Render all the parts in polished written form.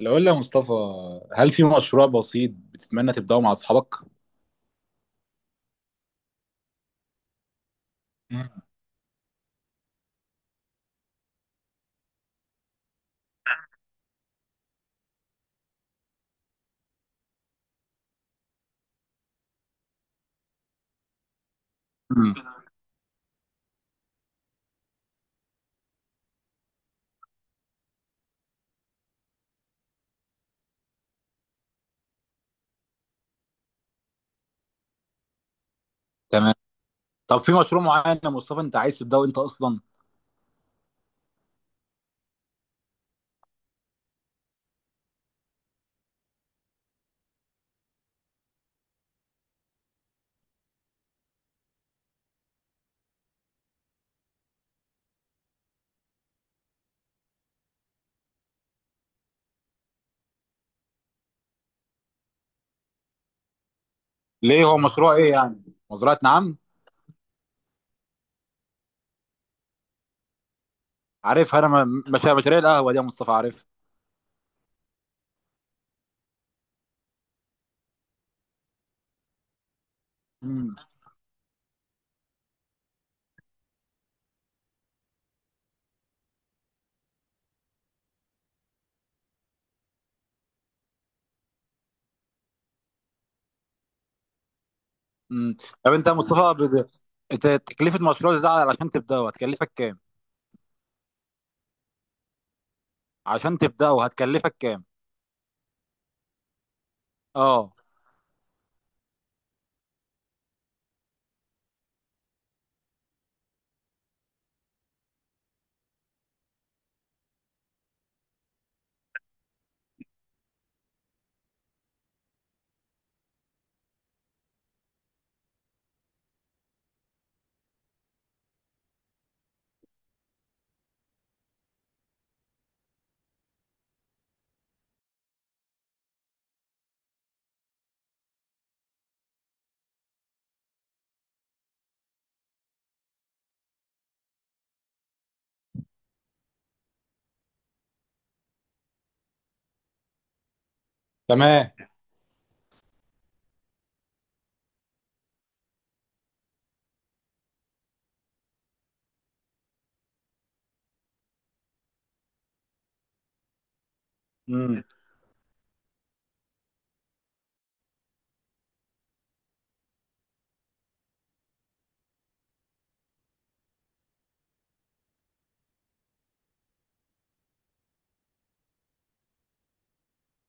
لو قلنا يا مصطفى، هل في مشروع بسيط بتتمنى تبدأه مع أصحابك؟ مم. مم. تمام. طب في مشروع معين يا مصطفى أنت عايز تبدأه أنت أصلا؟ ليه؟ هو مشروع إيه يعني؟ مزرعة نعم؟ عارفها أنا. مش مشاريع القهوة دي يا مصطفى، عارف. مم. مم. طب أنت يا مصطفى أنت تكلفة مشروع زي ده علشان تبدأه هتكلفك كام؟ عشان تبدأه هتكلفك كام؟ أه. تمام. مم.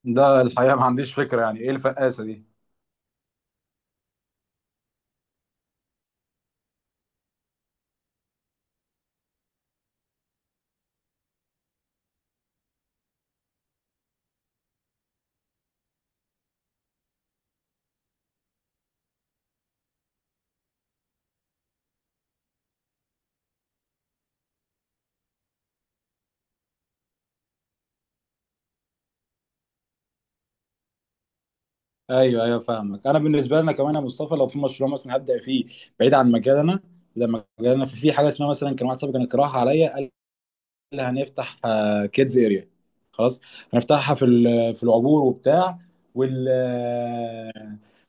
ده الحقيقة ما عنديش فكرة يعني ايه الفقاسة دي. ايوه ايوه، فاهمك. انا بالنسبه لنا كمان يا مصطفى لو في مشروع مثلا هبدا فيه بعيد عن مجالنا، لما مجالنا في حاجه اسمها، مثلا كان واحد صاحبي كان اقتراح عليا، قال لي هنفتح كيدز اريا. خلاص، هنفتحها في العبور وبتاع وال-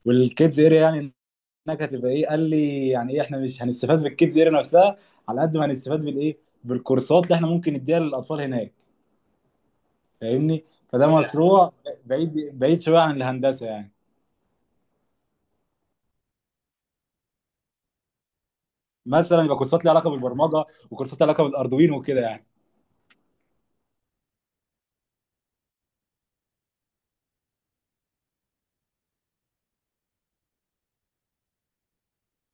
والكيدز اريا يعني انك هتبقى ايه. قال لي يعني ايه، احنا مش هنستفاد بالكيدز اريا نفسها على قد ما هنستفاد بالايه، بالكورسات اللي احنا ممكن نديها للاطفال هناك. فاهمني. فده مشروع بعيد، بعيد شويه عن الهندسه يعني. مثلا يبقى كورسات ليها علاقه بالبرمجه، وكورسات ليها علاقه بالاردوين وكده يعني.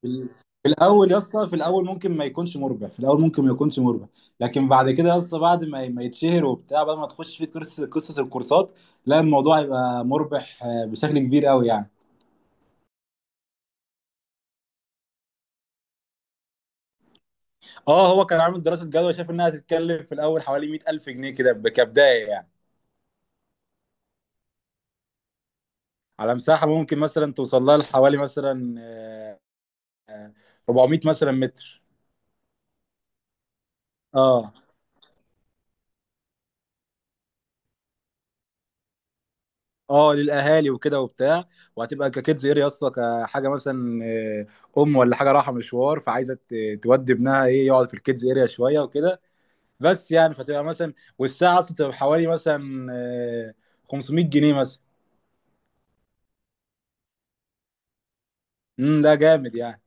في ال- في الاول يا اسطى، في الاول ممكن ما يكونش مربح، في الاول ممكن ما يكونش مربح، لكن بعد كده يا اسطى بعد ما يتشهر وبتاع، بعد ما تخش في كورس قصه الكورسات، لا الموضوع يبقى مربح بشكل كبير قوي يعني. اه، هو كان عامل دراسه جدوى، شاف انها هتتكلم في الاول حوالي 100000 جنيه كده، كبدايه يعني. على مساحه ممكن مثلا توصل لها لحوالي مثلا آه، 400 مثلا متر. اه. اه، للاهالي وكده وبتاع، وهتبقى ككيدز اير يسطا كحاجه مثلا ام، ولا حاجه رايحه مشوار فعايزه تودي ابنها، ايه، يقعد في الكيدز اريا شويه وكده بس يعني. فتبقى مثلا والساعه اصلا تبقى حوالي مثلا 500 جنيه مثلا. امم، ده جامد يعني.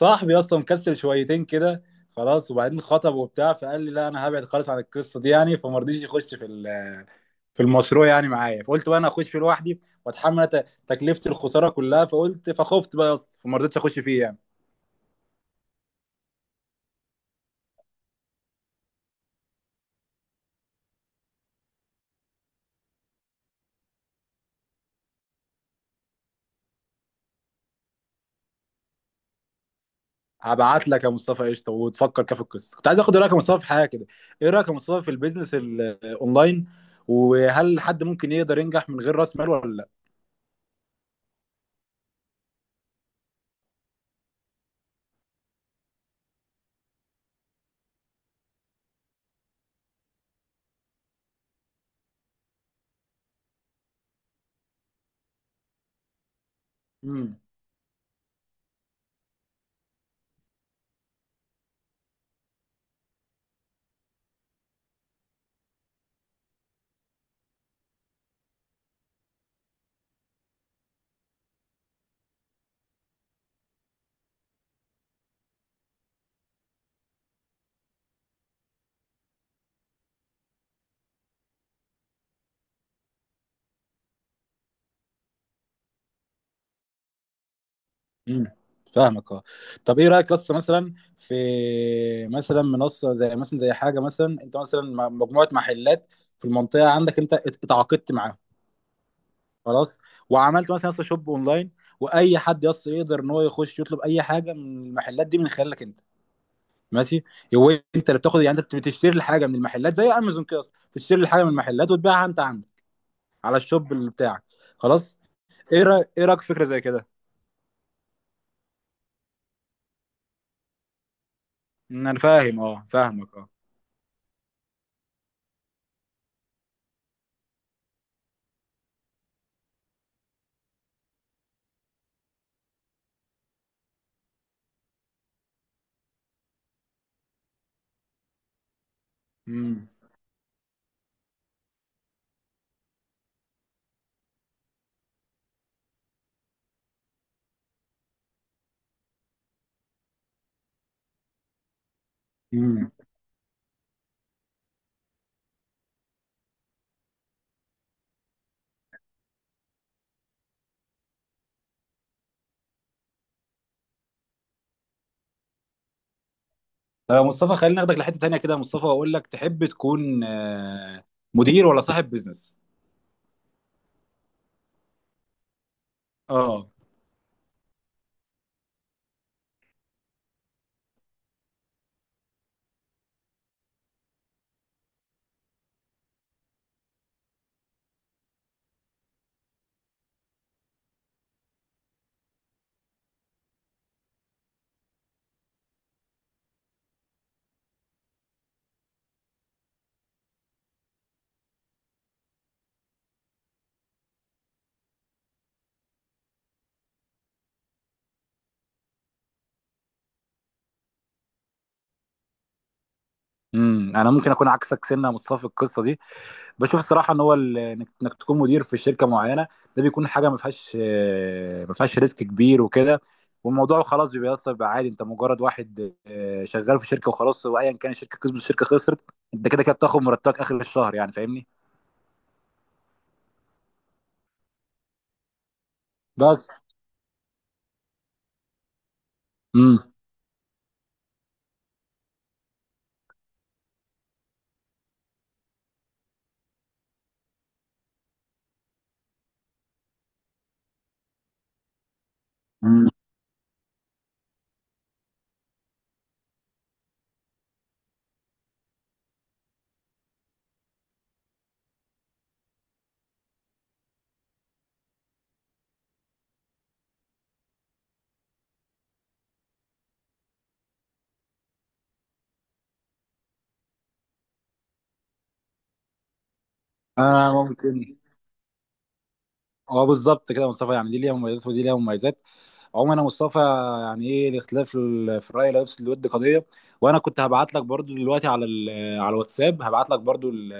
صاحبي اصلا مكسل شويتين كده، خلاص، وبعدين خطب وبتاع، فقال لي لا انا هبعد خالص عن القصه دي يعني، فما رضيش يخش في المشروع يعني معايا. فقلت بقى انا اخش فيه لوحدي واتحمل أنا تكلفه الخساره كلها، فقلت، فخفت بقى يا اسطى فما رضيتش اخش فيه يعني. هبعت لك يا مصطفى قشطه وتفكر كده في القصه. كنت عايز اخد رايك يا مصطفى في حاجه كده. ايه رايك يا مصطفى في البيزنس الاونلاين، وهل حد ممكن يقدر ينجح من غير راس مال ولا لا؟ امم. امم، فاهمك. اه، طب ايه رايك قصه مثلا في مثلا منصه زي مثلا، زي حاجه مثلا، انت مثلا مجموعه محلات في المنطقه عندك انت اتعاقدت معاهم، خلاص، وعملت مثلا يا اسطى شوب اونلاين، واي حد يا اسطى يقدر ان هو يخش يطلب اي حاجه من المحلات دي من خلالك انت. ماشي. هو انت اللي بتاخد، يعني انت بتشتري الحاجه من المحلات، زي امازون كده اصلا، بتشتري الحاجه من المحلات وتبيعها انت عندك على الشوب اللي بتاعك، خلاص. ايه رايك، ايه رايك في فكره زي كده؟ إن انا فاهم، اه، فاهمك اه. امم. امم. طب يا مصطفى خلينا ناخدك لحته تانيه كده يا مصطفى، واقول لك تحب تكون مدير ولا صاحب بيزنس؟ اه. امم، انا ممكن اكون عكسك سنه يا مصطفى في القصه دي. بشوف الصراحه ان هو انك إنك تكون مدير في شركه معينه، ده بيكون حاجه ما فيهاش ريسك كبير وكده، والموضوع خلاص بيبقى بيبقى عادي، انت مجرد واحد شغال في شركه وخلاص، وايا كان الشركه كسبت الشركه خسرت، انت كده كده بتاخد مرتبك اخر الشهر يعني، فاهمني. بس. امم. امم، انا ممكن. اه، بالظبط كده يا مصطفى، يعني دي ليها مميزات ودي ليها مميزات. عمر مصطفى، يعني ايه، الاختلاف في الراي لا يفسد الود قضيه. وانا كنت هبعت لك برضو دلوقتي على الواتساب، هبعت لك برضو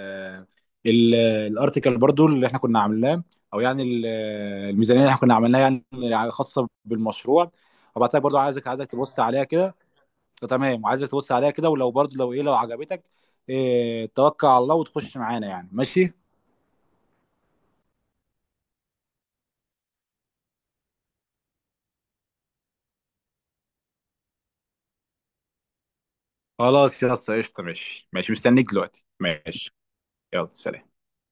ال- الارتيكل برضو اللي احنا كنا عاملاه، او يعني الميزانيه اللي احنا كنا عملناها يعني خاصه بالمشروع. هبعت لك برضو، عايزك تبص عليها كده. تمام، وعايزك تبص عليها كده، ولو برضو لو ايه، لو عجبتك، إيه، توكل على الله وتخش معانا يعني، ماشي؟ خلاص يا اسطى قشطه، ماشي ماشي، مستنيك دلوقتي، ماشي. يلا سلام.